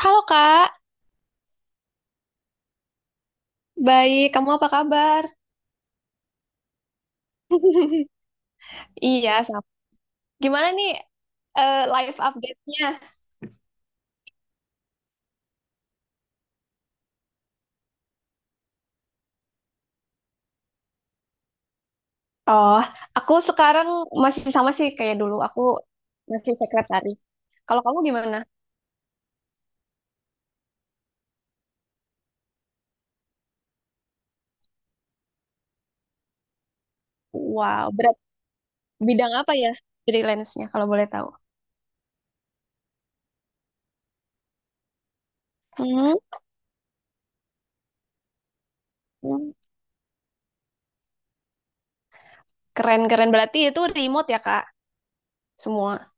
Halo Kak, baik. Kamu apa kabar? Iya, sama. Gimana nih live update-nya? Oh, aku sekarang masih sama sih kayak dulu. Aku masih sekretaris. Kalau kamu gimana? Wow, berat bidang apa ya freelance-nya kalau boleh tahu? Hmm. Keren-keren. Berarti itu remote ya, Kak? Semua.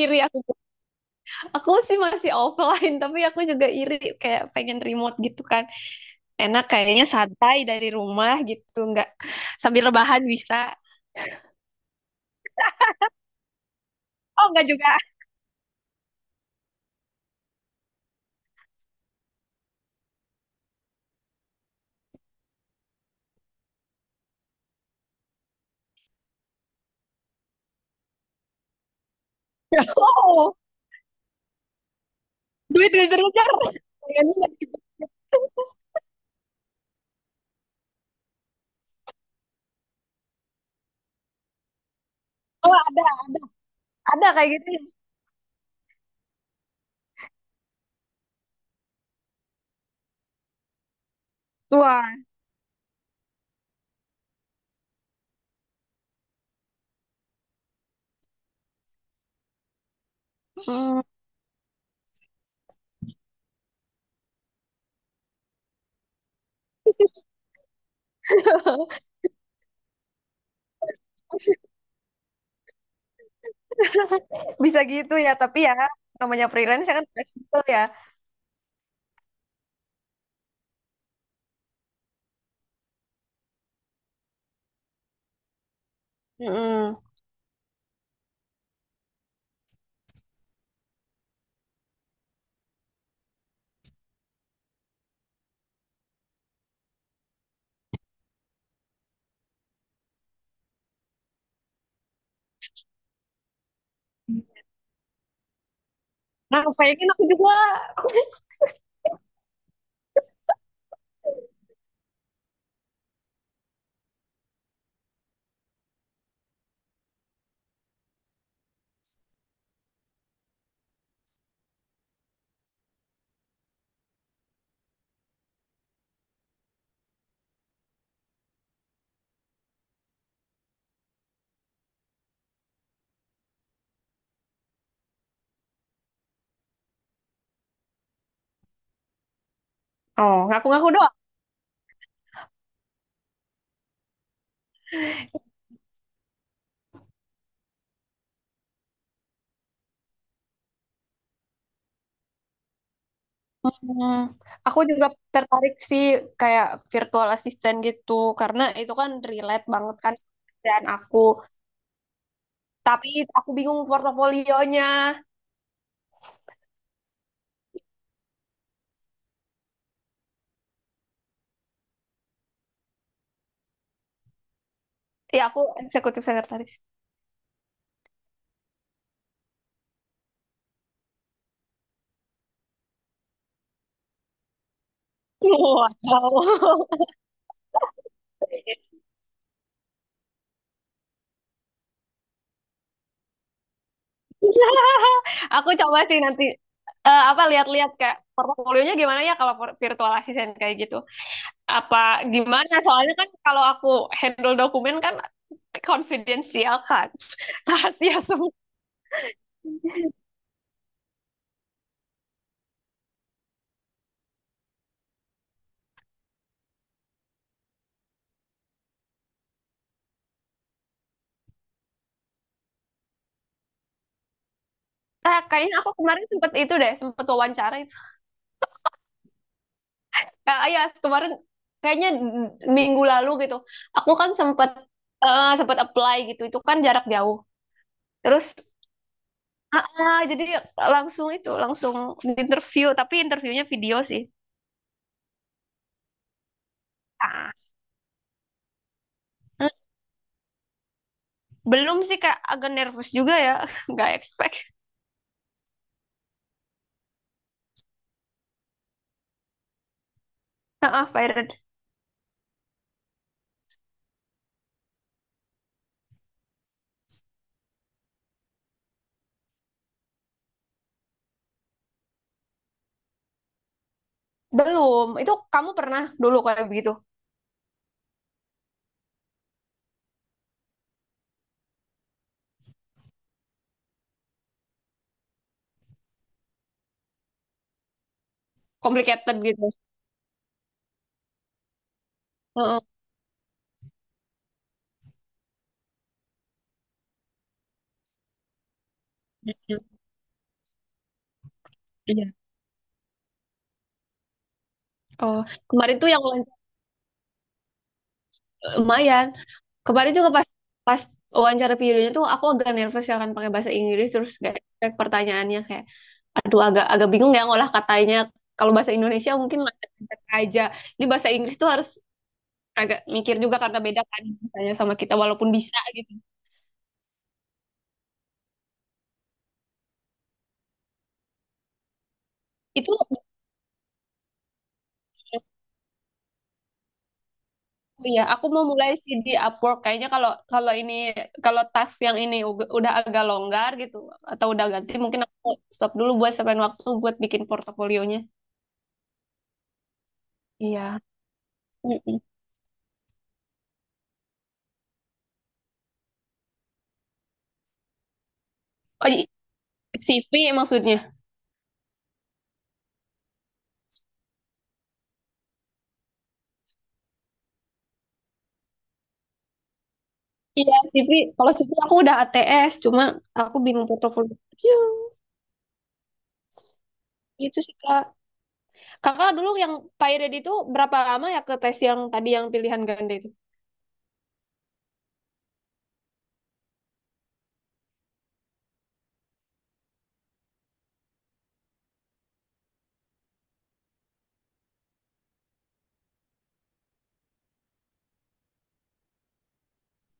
Iri aku. Aku sih masih offline, tapi aku juga iri kayak pengen remote gitu kan. Enak kayaknya santai dari rumah gitu, nggak sambil rebahan bisa. Oh, nggak juga. Oh, duit ngejar-ngejar. Kayaknya nggak gitu. Oh, ada. Ada kayak gitu. Wah. Hmm. Bisa gitu ya. Tapi ya, namanya freelance ya kan fleksibel ya. Mm-mm. Nah, pengen aku juga. Oh, ngaku-ngaku doang. Hmm. Aku juga tertarik sih kayak virtual assistant gitu karena itu kan relate banget kan dengan aku. Tapi aku bingung portofolionya. Ya aku eksekutif sekretaris. Wow. Aku coba sih nanti apa lihat-lihat kayak portofolionya gimana ya kalau virtual assistant kayak gitu. Apa gimana? Soalnya kan kalau aku handle dokumen kan confidential kan. Rahasia semua. Eh, kayaknya aku kemarin sempet itu deh, sempet wawancara Kak Ayas kemarin kayaknya minggu lalu gitu. Aku kan sempet sempet apply gitu. Itu kan jarak jauh. Terus jadi langsung itu langsung di interview tapi interviewnya video sih. Ah, eh, belum sih Kak, agak nervous juga ya. Nggak expect. Ah, fired. Belum. Itu kamu pernah dulu kayak begitu. Complicated gitu. Heeh. Iya. Oh, kemarin tuh yang lancar lumayan. Kemarin juga pas pas wawancara videonya tuh aku agak nervous ya kan pakai bahasa Inggris terus kayak pertanyaannya kayak aduh agak agak bingung ya ngolah katanya. Kalau bahasa Indonesia mungkin lancar aja. Ini bahasa Inggris tuh harus agak mikir juga karena beda kan misalnya sama kita walaupun bisa gitu. Itu ya aku mau mulai sih di Upwork kayaknya kalau kalau ini kalau task yang ini udah agak longgar gitu atau udah ganti mungkin aku stop dulu buat sampein waktu buat bikin portofolionya. Iya. Mm-mm. Oh, i- CV maksudnya. Iya, CV. Kalau CV aku udah ATS, cuma aku bingung portofolio. Itu sih, Kak. Kakak dulu yang Pyred itu berapa lama ya ke tes yang tadi yang pilihan ganda itu?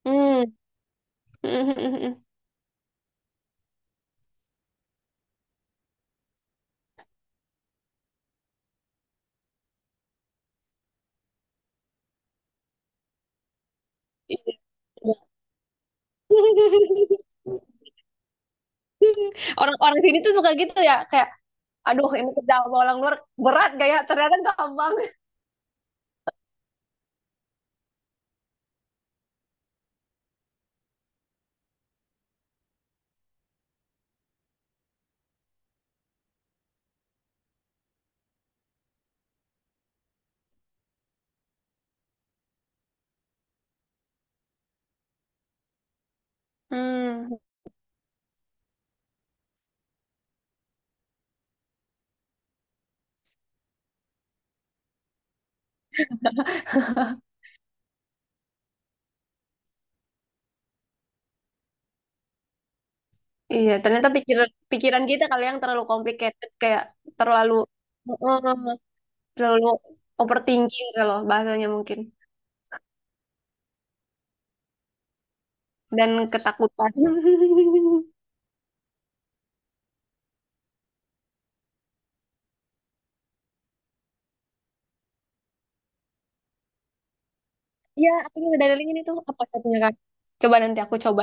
Hmm. Iya. Orang-orang sini tuh suka gitu ya, kayak aduh ini kerja sama orang luar berat gak ya? Ternyata gampang. Hmm. Iya, ternyata pikiran pikiran kita kali yang terlalu complicated kayak terlalu. Terlalu overthinking kalau bahasanya mungkin. Dan ketakutan. Iya, aku juga dadalingin itu apa satunya Kak? Coba nanti aku coba.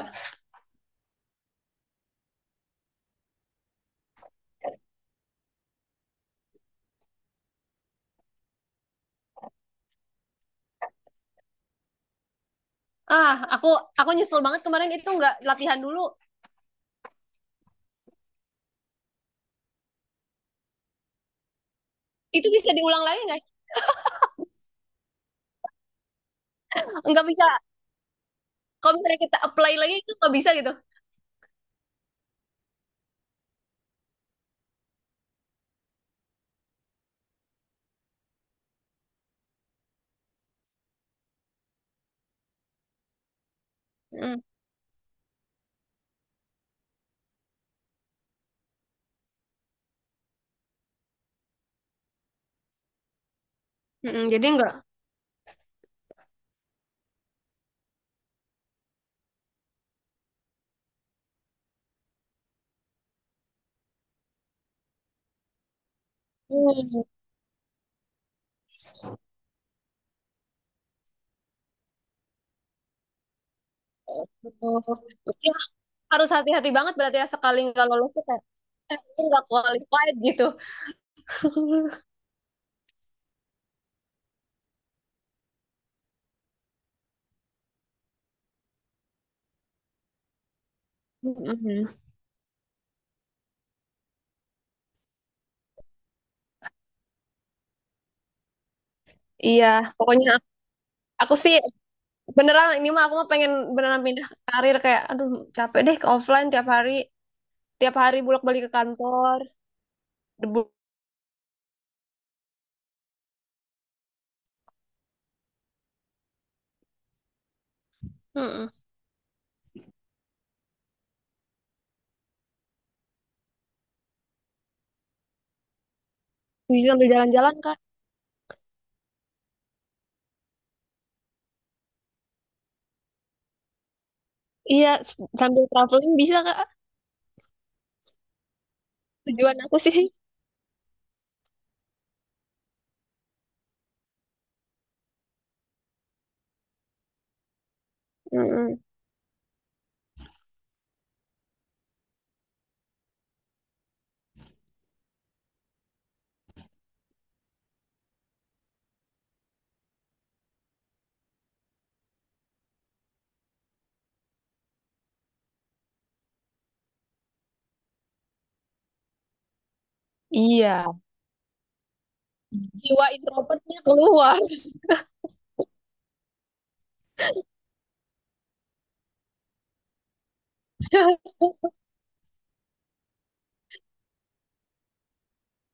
Ah, aku nyesel banget kemarin itu nggak latihan dulu. Itu bisa diulang lagi nggak? Nggak bisa. Kalau misalnya kita apply lagi itu nggak bisa gitu. Mm, mm, jadi nggak. Hmm. Ya, harus hati-hati banget berarti ya sekali nggak lolos tuh kayak aku nggak qualified gitu. Mm-mm. Iya, pokoknya aku sih beneran ini mah aku mah pengen beneran pindah karir kayak aduh capek deh ke offline tiap hari bolak-balik ke kantor debu. Mm-mm. Bisa sambil jalan-jalan kak. Iya sambil traveling bisa kak tujuan aku sih. Mm-mm. Iya, jiwa introvertnya keluar.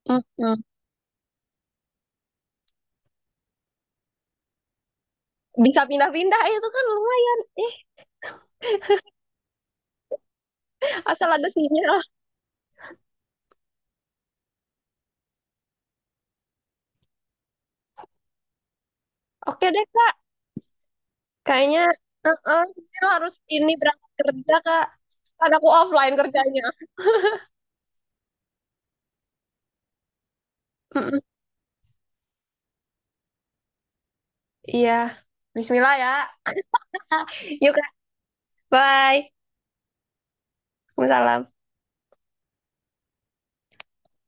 Mm-mm. Bisa pindah-pindah itu kan lumayan eh asal ada sinyal. Oke deh kak kayaknya Sisil harus ini berangkat kerja kak kan aku offline kerjanya. Mm-mm. Iya. Bismillah ya. Yuk, Kak. Bye. Waalaikumsalam.